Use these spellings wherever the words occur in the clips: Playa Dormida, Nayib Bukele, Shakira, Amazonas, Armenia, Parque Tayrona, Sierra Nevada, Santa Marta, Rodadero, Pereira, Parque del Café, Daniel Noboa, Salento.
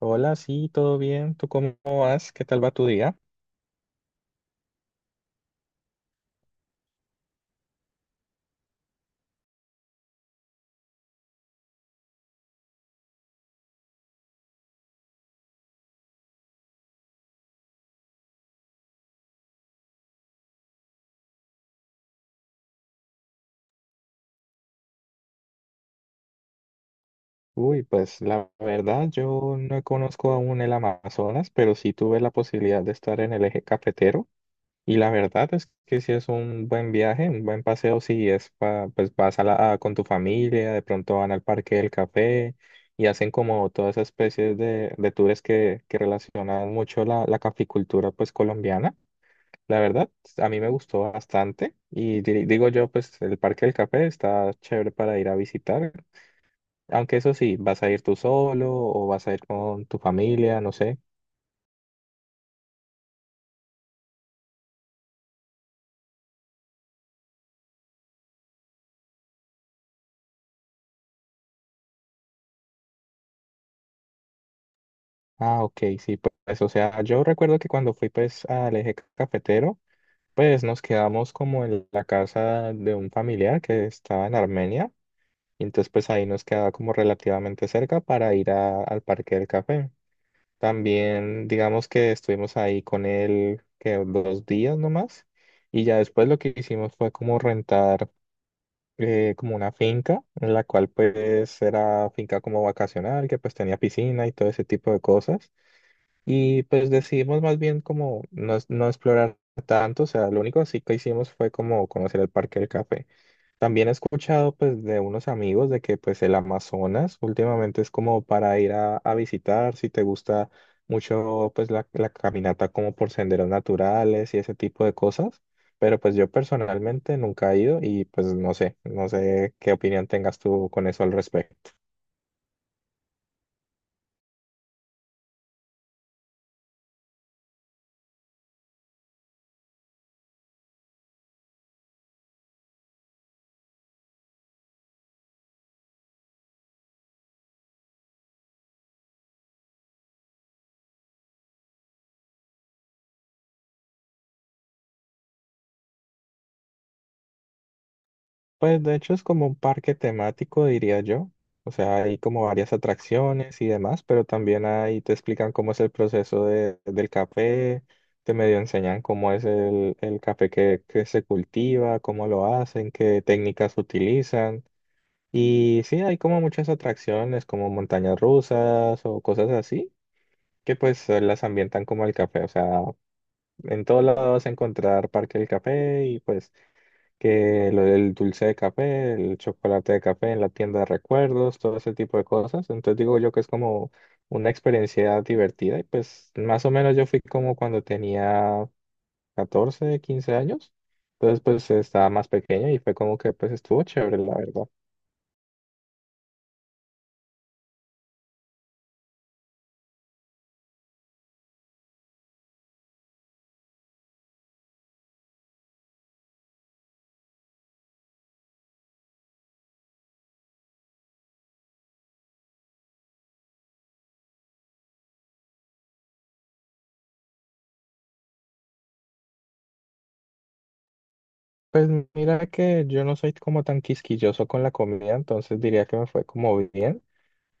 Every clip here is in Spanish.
Hola, sí, todo bien. ¿Tú cómo vas? ¿Qué tal va tu día? Uy, pues la verdad, yo no conozco aún el Amazonas, pero sí tuve la posibilidad de estar en el eje cafetero. Y la verdad es que sí es un buen viaje, un buen paseo, si es pues vas a con tu familia, de pronto van al Parque del Café y hacen como todas esas especies de tours que relacionan mucho la caficultura pues colombiana. La verdad, a mí me gustó bastante y digo yo, pues el Parque del Café está chévere para ir a visitar, aunque eso sí, vas a ir tú solo o vas a ir con tu familia, no sé. Ah, ok, sí, pues, o sea, yo recuerdo que cuando fui pues al eje cafetero, pues nos quedamos como en la casa de un familiar que estaba en Armenia, y entonces pues ahí nos quedaba como relativamente cerca para ir al Parque del Café. También, digamos que estuvimos ahí con él que 2 días nomás y ya después lo que hicimos fue como rentar como una finca en la cual pues era finca como vacacional que pues tenía piscina y todo ese tipo de cosas y pues decidimos más bien como no, no explorar tanto, o sea, lo único así que hicimos fue como conocer el Parque del Café. También he escuchado pues de unos amigos de que pues el Amazonas últimamente es como para ir a visitar, si te gusta mucho pues la caminata como por senderos naturales y ese tipo de cosas, pero pues yo personalmente nunca he ido y pues no sé, no sé qué opinión tengas tú con eso al respecto. Pues de hecho es como un parque temático, diría yo. O sea, hay como varias atracciones y demás, pero también ahí te explican cómo es el proceso del café, te medio enseñan cómo es el café que se cultiva, cómo lo hacen, qué técnicas utilizan. Y sí, hay como muchas atracciones, como montañas rusas o cosas así, que pues las ambientan como el café. O sea, en todos lados vas a encontrar Parque del Café y pues que lo del dulce de café, el chocolate de café en la tienda de recuerdos, todo ese tipo de cosas. Entonces digo yo que es como una experiencia divertida y pues más o menos yo fui como cuando tenía 14, 15 años. Entonces pues estaba más pequeño y fue como que pues estuvo chévere, la verdad. Pues mira que yo no soy como tan quisquilloso con la comida, entonces diría que me fue como bien.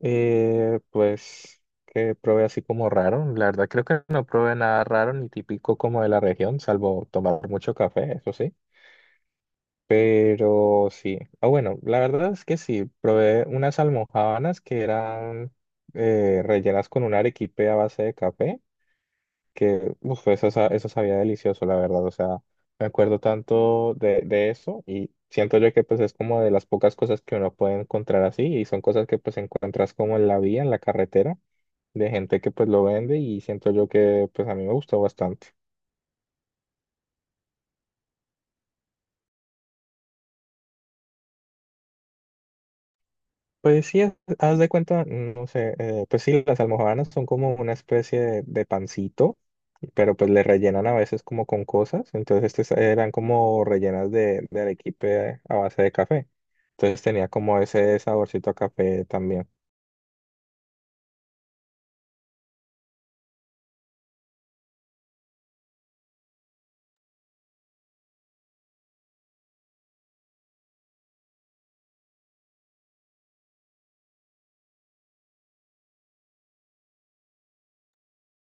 Pues que probé así como raro. La verdad creo que no probé nada raro ni típico como de la región, salvo tomar mucho café, eso sí. Pero sí. Ah, bueno, la verdad es que sí, probé unas almojábanas que eran rellenas con un arequipe a base de café que uf, eso, eso sabía delicioso, la verdad. O sea, me acuerdo tanto de eso y siento yo que pues es como de las pocas cosas que uno puede encontrar así y son cosas que pues encuentras como en la vía, en la carretera, de gente que pues lo vende y siento yo que pues a mí me gustó bastante. Pues sí, haz de cuenta, no sé, pues sí, las almojábanas son como una especie de pancito, pero pues le rellenan a veces como con cosas, entonces estas eran como rellenas de arequipe a base de café, entonces tenía como ese saborcito a café también.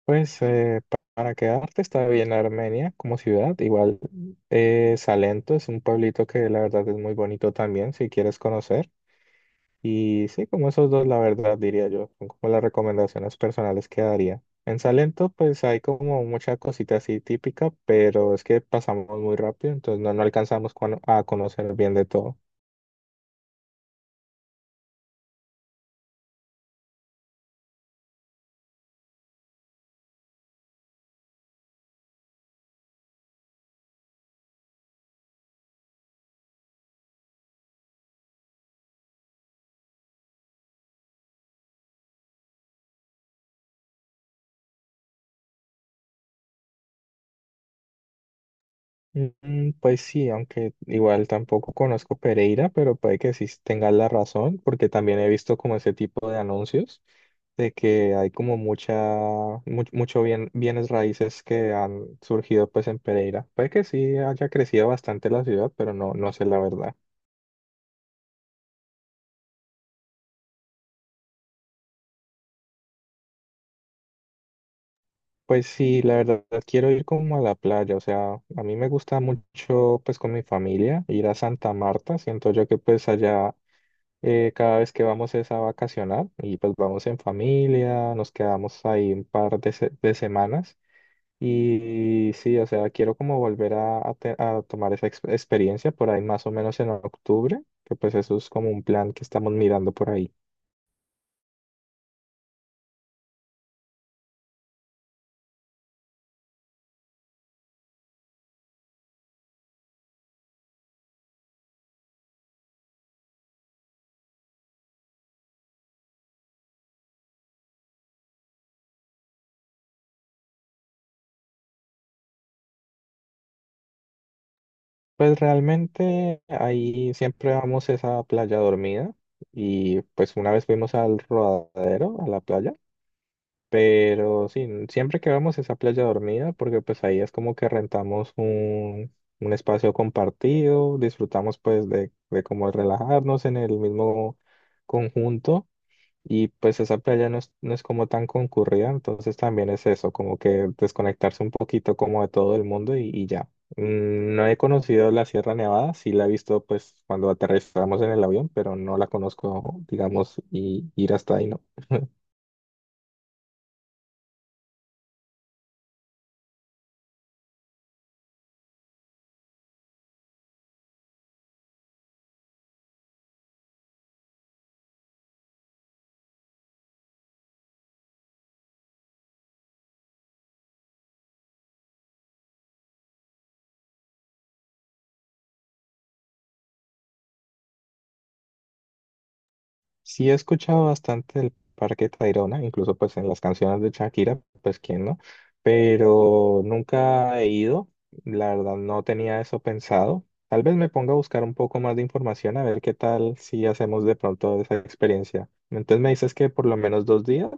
Pues para quedarte está bien Armenia como ciudad, igual Salento es un pueblito que la verdad es muy bonito también, si quieres conocer. Y sí, como esos dos, la verdad, diría yo, son como las recomendaciones personales que daría. En Salento, pues hay como mucha cosita así típica, pero es que pasamos muy rápido, entonces no, no alcanzamos a conocer bien de todo. Mm, pues sí, aunque igual tampoco conozco Pereira, pero puede que sí tengas la razón, porque también he visto como ese tipo de anuncios de que hay como mucha, mucho bienes raíces que han surgido pues en Pereira. Puede que sí haya crecido bastante la ciudad, pero no, no sé la verdad. Pues sí, la verdad quiero ir como a la playa, o sea, a mí me gusta mucho pues con mi familia ir a Santa Marta, siento yo que pues allá cada vez que vamos es a vacacionar y pues vamos en familia, nos quedamos ahí un par de, de semanas y sí, o sea, quiero como volver a a tomar esa experiencia por ahí más o menos en octubre, que pues eso es como un plan que estamos mirando por ahí. Pues realmente ahí siempre vamos es a playa dormida y pues una vez fuimos al Rodadero, a la playa. Pero sí, siempre que vamos es a Playa Dormida, porque pues ahí es como que rentamos un espacio compartido, disfrutamos pues de como relajarnos en el mismo conjunto y pues esa playa no es, no es como tan concurrida, entonces también es eso, como que desconectarse un poquito como de todo el mundo y ya. Mm, no he conocido la Sierra Nevada, sí la he visto pues cuando aterrizamos en el avión, pero no la conozco, digamos, y ir hasta ahí, ¿no? Sí he escuchado bastante del Parque Tayrona, incluso pues en las canciones de Shakira, pues quién no, pero nunca he ido, la verdad no tenía eso pensado. Tal vez me ponga a buscar un poco más de información a ver qué tal si hacemos de pronto esa experiencia. Entonces me dices que por lo menos 2 días.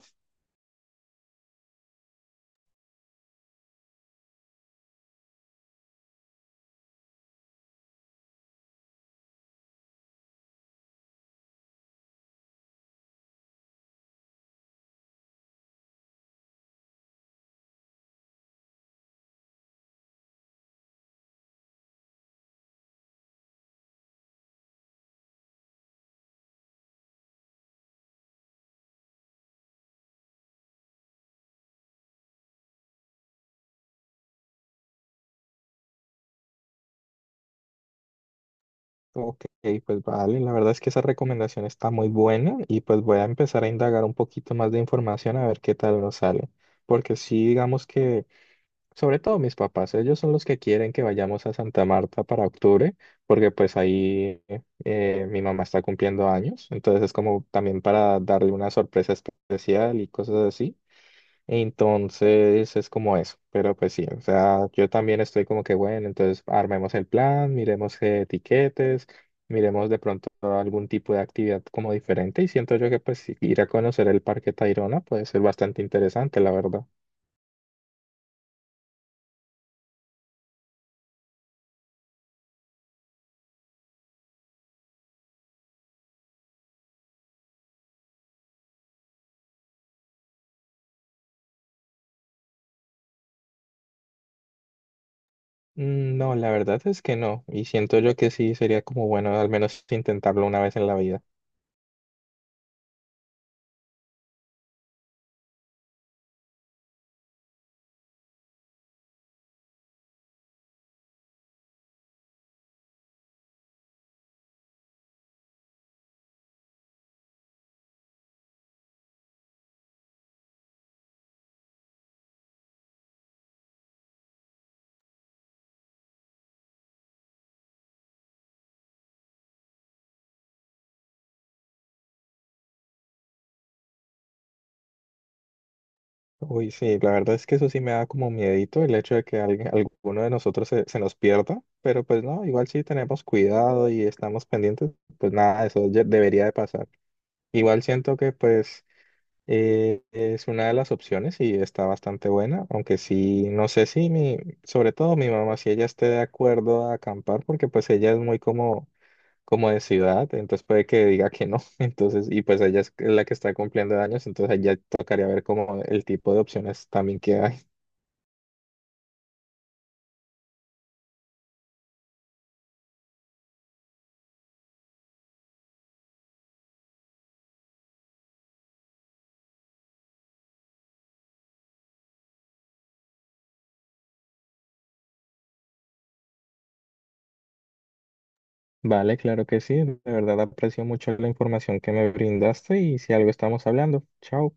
Ok, pues vale, la verdad es que esa recomendación está muy buena y pues voy a empezar a indagar un poquito más de información a ver qué tal nos sale. Porque sí, digamos que... Sobre todo mis papás, ellos son los que quieren que vayamos a Santa Marta para octubre, porque pues ahí mi mamá está cumpliendo años, entonces es como también para darle una sorpresa especial y cosas así. Entonces es como eso, pero pues sí, o sea, yo también estoy como que bueno, entonces armemos el plan, miremos qué tiquetes, miremos de pronto algún tipo de actividad como diferente y siento yo que pues ir a conocer el Parque Tayrona puede ser bastante interesante, la verdad. Mm, no, la verdad es que no. Y siento yo que sí sería como bueno al menos intentarlo una vez en la vida. Uy, sí, la verdad es que eso sí me da como miedito el hecho de que alguien- alguno de nosotros se, se nos pierda. Pero pues no, igual sí tenemos cuidado y estamos pendientes, pues nada, eso ya debería de pasar. Igual siento que pues es una de las opciones y está bastante buena. Aunque sí, no sé si mi, sobre todo mi mamá, si ella esté de acuerdo a acampar, porque pues ella es muy como como de ciudad, entonces puede que diga que no, entonces, y pues ella es la que está cumpliendo años, entonces ahí ya tocaría ver como el tipo de opciones también que hay. Vale, claro que sí, de verdad aprecio mucho la información que me brindaste y si algo estamos hablando, chao.